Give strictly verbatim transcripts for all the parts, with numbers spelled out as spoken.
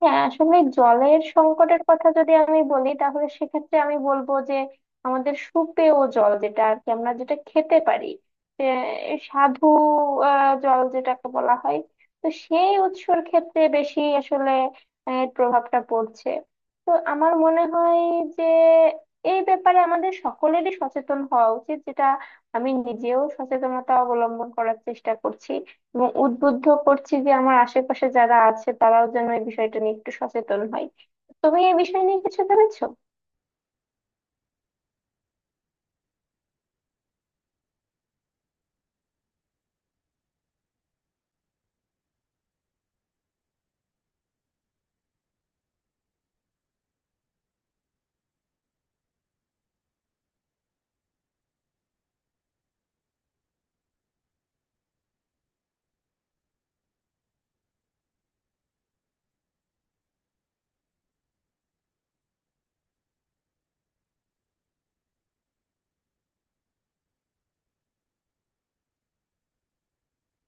হ্যাঁ, আসলে জলের সংকটের কথা যদি আমি বলি তাহলে সেক্ষেত্রে আমি বলবো যে আমাদের সুপেয় জল, যেটা আর কি আমরা যেটা খেতে পারি, যে সাধু আহ, জল যেটাকে বলা হয়, তো সেই উৎসর ক্ষেত্রে বেশি আসলে আহ, এর প্রভাবটা পড়ছে। তো আমার মনে হয় যে এই ব্যাপারে আমাদের সকলেরই সচেতন হওয়া উচিত, যেটা আমি নিজেও সচেতনতা অবলম্বন করার চেষ্টা করছি এবং উদ্বুদ্ধ করছি যে আমার আশেপাশে যারা আছে তারাও যেন এই বিষয়টা নিয়ে একটু সচেতন হয়। তুমি এই বিষয় নিয়ে কিছু ভেবেছো?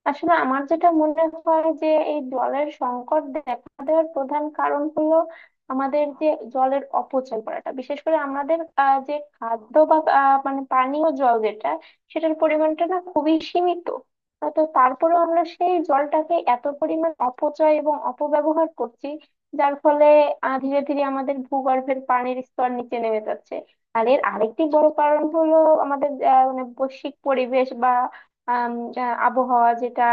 আসলে আমার যেটা মনে হয় যে এই জলের সংকট দেখা দেওয়ার প্রধান কারণ হলো আমাদের যে জলের অপচয় করাটা। বিশেষ করে আমাদের আহ, যে খাদ্য বা আহ, মানে পানীয় জল যেটা, সেটার পরিমাণটা না খুবই সীমিত। আহ, তো তারপরেও আমরা সেই জলটাকে এত পরিমাণ অপচয় এবং অপব্যবহার করছি, যার ফলে আহ, ধীরে ধীরে আমাদের ভূগর্ভের পানির স্তর নিচে নেমে যাচ্ছে। আর এর আরেকটি বড় কারণ হলো আমাদের আহ, মানে বৈশ্বিক পরিবেশ বা আম, আহ, আবহাওয়া যেটা,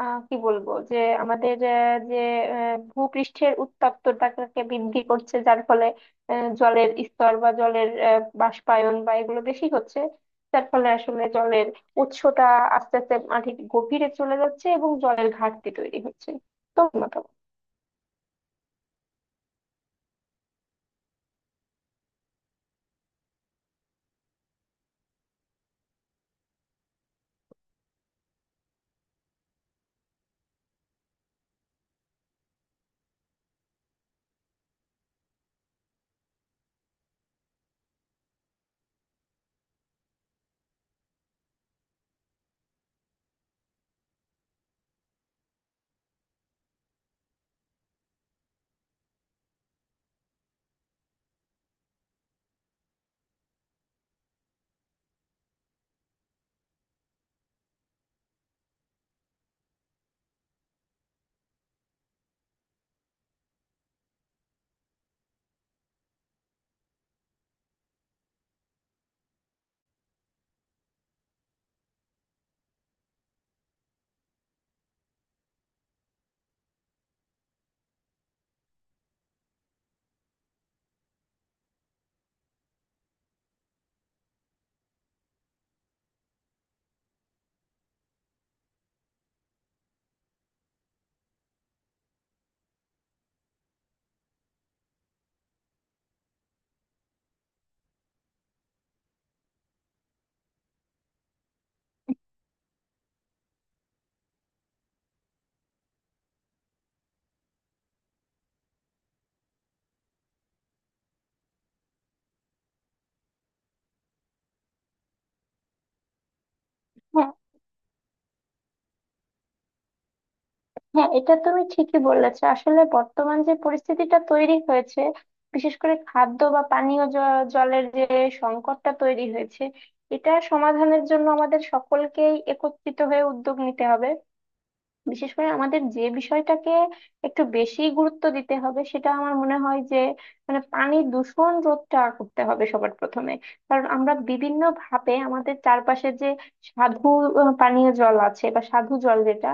আহ, কি বলবো যে আমাদের আহ, যে আহ, ভূপৃষ্ঠের উত্তপ্ততাকে বৃদ্ধি করছে, যার ফলে আহ, জলের স্তর বা জলের আহ, বাষ্পায়ন বা এগুলো বেশি হচ্ছে, যার ফলে আসলে জলের উৎসটা আস্তে আস্তে মাটির গভীরে চলে যাচ্ছে এবং জলের ঘাটতি তৈরি হচ্ছে। তো মতামত। হ্যাঁ, এটা তুমি ঠিকই বলেছ। আসলে বর্তমান যে পরিস্থিতিটা তৈরি হয়েছে, বিশেষ করে খাদ্য বা পানীয় জ- জলের যে সংকটটা তৈরি হয়েছে, এটা সমাধানের জন্য আমাদের সকলকেই একত্রিত হয়ে উদ্যোগ নিতে হবে। বিশেষ করে আমাদের যে বিষয়টাকে একটু বেশি গুরুত্ব দিতে হবে, সেটা আমার মনে হয় যে মানে পানি দূষণ রোধটা করতে হবে সবার প্রথমে। কারণ আমরা বিভিন্ন ভাবে আমাদের চারপাশে যে সাধু আহ, পানীয় জল আছে বা সাধু জল যেটা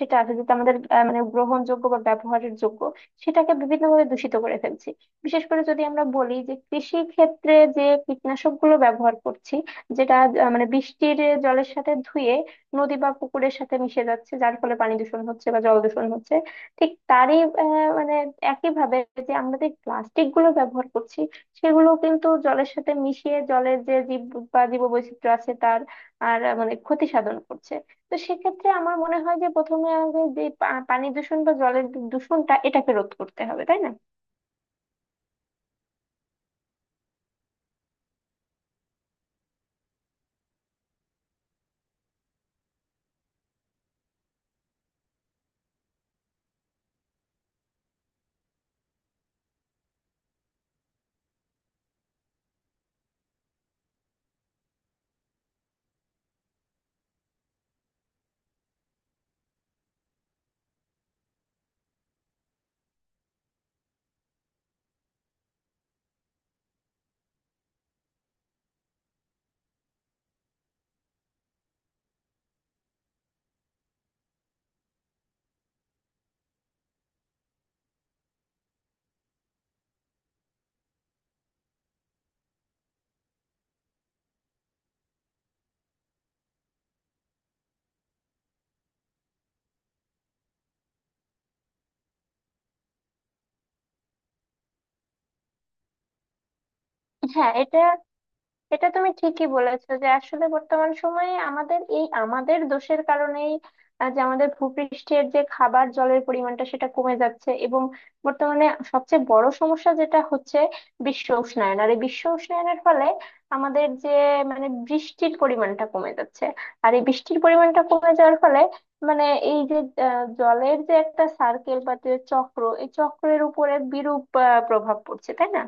সেটা আছে, যেটা আমাদের আহ, মানে গ্রহণযোগ্য বা ব্যবহারের যোগ্য, সেটাকে বিভিন্নভাবে দূষিত করে ফেলছি। বিশেষ করে যদি আমরা বলি যে কৃষি ক্ষেত্রে যে কীটনাশক গুলো ব্যবহার করছি, যেটা আহ, মানে বৃষ্টির জলের সাথে ধুয়ে নদী বা পুকুরের সাথে মিশে যাচ্ছে, যার ফলে পানি দূষণ হচ্ছে বা জল দূষণ হচ্ছে। ঠিক তারই আহ, মানে একই ভাবে, যে আমরা যে প্লাস্টিক গুলো ব্যবহার করছি, সেগুলো কিন্তু জলের সাথে মিশিয়ে জলের যে জীব বা জীববৈচিত্র্য আছে তার আর আহ, মানে ক্ষতি সাধন করছে। তো সেক্ষেত্রে আমার মনে হয় যে প্রথমে আগে যে পা- পানি দূষণ বা জলের দূষণটা, এটাকে রোধ করতে হবে, তাই না? হ্যাঁ, এটা এটা তুমি ঠিকই বলেছো যে আসলে বর্তমান সময়ে আমাদের এই আমাদের দোষের কারণেই আহ, যে আমাদের ভূপৃষ্ঠের যে খাবার জলের পরিমাণটা সেটা কমে যাচ্ছে। এবং বর্তমানে সবচেয়ে বড় সমস্যা যেটা হচ্ছে বিশ্ব উষ্ণায়ন। আর এই বিশ্ব উষ্ণায়নের ফলে আমাদের যে মানে বৃষ্টির পরিমাণটা কমে যাচ্ছে, আর এই বৃষ্টির পরিমাণটা কমে যাওয়ার ফলে মানে এই যে আহ, জলের যে একটা সার্কেল বা যে চক্র, এই চক্রের উপরে বিরূপ আহ, প্রভাব পড়ছে, তাই না?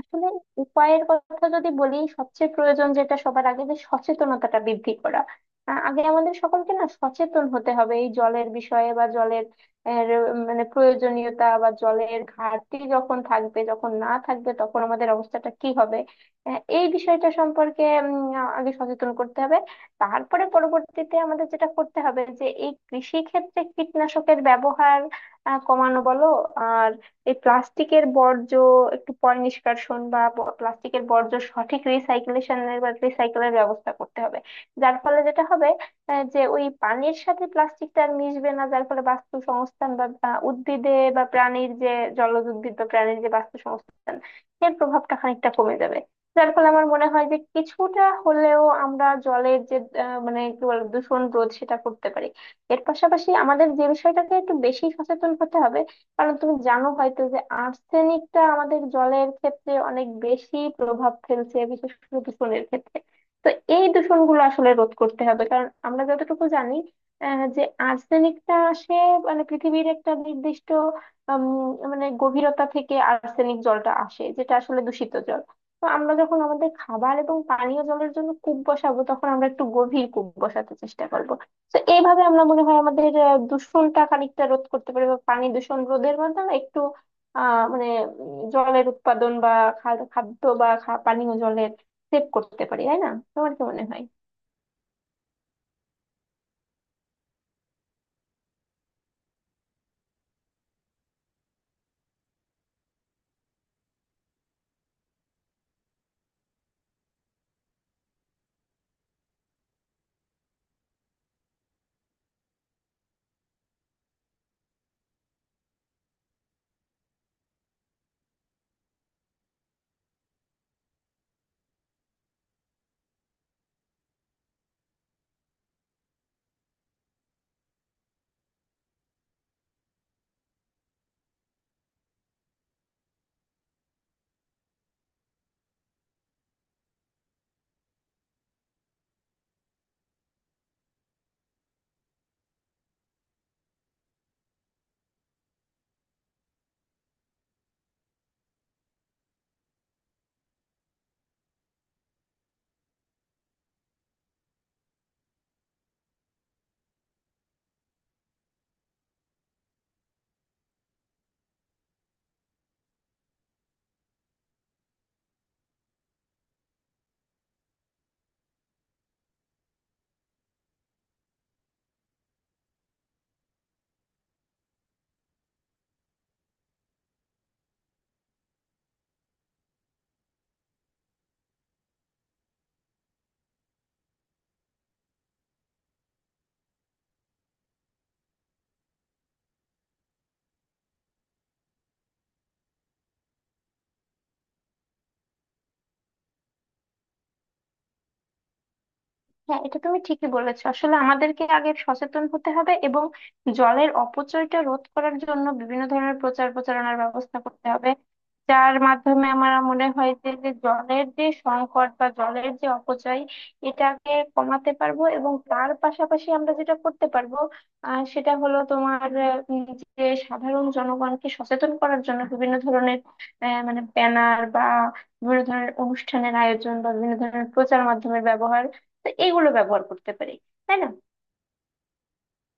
আসলে উপায়ের কথা যদি বলি, সবচেয়ে প্রয়োজন যেটা সবার আগে, যে সচেতনতাটা বৃদ্ধি করা। আ- আগে আমাদের সকলকে না সচেতন হতে হবে এই জলের বিষয়ে বা জলের এর, মানে প্রয়োজনীয়তা, বা জলের ঘাটতি যখন থাকবে, যখন না থাকবে তখন আমাদের অবস্থাটা কি হবে, আ, এই বিষয়টা সম্পর্কে উম, আ- আগে সচেতন করতে হবে। তারপরে পরবর্তীতে আমাদের যেটা করতে হবে যে এই কৃষি ক্ষেত্রে কীটনাশকের ব্যবহার আ, কমানো, বলো। আর এই প্লাস্টিকের বর্জ্য একটু পয় নিষ্কাশন বা ব- প্লাস্টিকের বর্জ্য সঠিক রিসাইকেলেশনের বা রিসাইকেলের ব্যবস্থা করতে হবে, যার ফলে যেটা হবে আহ, যে ওই পানির সাথে প্লাস্টিকটা আর মিশবে না, যার ফলে বাস্তুসংস্থান বা বা উদ্ভিদে বা প্রাণীর যে জলজ উদ্ভিদ বা প্রাণীর যে বাস্তুসংস্থান, এর প্রভাবটা খানিকটা কমে যাবে। যার ফলে আমার মনে হয় যে কিছুটা হলেও আমরা জলের যে আহ, মানে কি বলে দূষণ রোধ সেটা করতে পারি। এর পাশাপাশি আমাদের যে বিষয়টাতে একটু বেশি সচেতন হতে হবে, কারণ তুমি জানো হয়তো যে আর্সেনিকটা আমাদের জলের ক্ষেত্রে অনেক বেশি প্রভাব ফেলছে, বিশেষ করে দূষণের ক্ষেত্রে। তো এই দূষণগুলো আসলে রোধ করতে হবে, কারণ আমরা যতটুকু জানি আহ, যে আর্সেনিকটা আসে মানে পৃথিবীর একটা নির্দিষ্ট উম, মানে গভীরতা থেকে আর্সেনিক জলটা আসে, যেটা আসলে দূষিত জল। তো আমরা যখন আমাদের খাবার এবং পানীয় জলের জন্য কূপ বসাবো, তখন আমরা একটু গভীর কূপ বসাতে চেষ্টা করব। তো এইভাবে আমরা মনে হয় আমাদের আহ, দূষণটা খানিকটা রোধ করতে পারি, বা পানি দূষণ রোধের মাধ্যমে একটু আহ মানে উম, জলের উৎপাদন বা খা- খাদ্য বা খা- পানীয় জলের সেভ করতে পারি, তাই না? তোমার কি মনে হয়? হ্যাঁ, এটা তুমি ঠিকই বলেছো। আসলে আমাদেরকে আগে সচেতন হতে হবে এবং জলের অপচয়টা রোধ করার জন্য বিভিন্ন ধরনের প্রচার প্রচারণার ব্যবস্থা করতে হবে, যার মাধ্যমে আমার মনে হয় যে যে জলের যে সংকট বা জলের যে অপচয়, এটাকে কমাতে পারবো। এবং তার পাশাপাশি আমরা যেটা করতে পারবো আহ সেটা হলো তোমার আহ, উম, যে সাধারণ জনগণকে সচেতন করার জন্য বিভিন্ন ধরনের আহ, মানে ব্যানার বা বিভিন্ন ধরনের অনুষ্ঠানের আয়োজন বা বিভিন্ন ধরনের প্রচার মাধ্যমের ব্যবহার, তো এগুলো ব্যবহার করতে পারি, তাই না?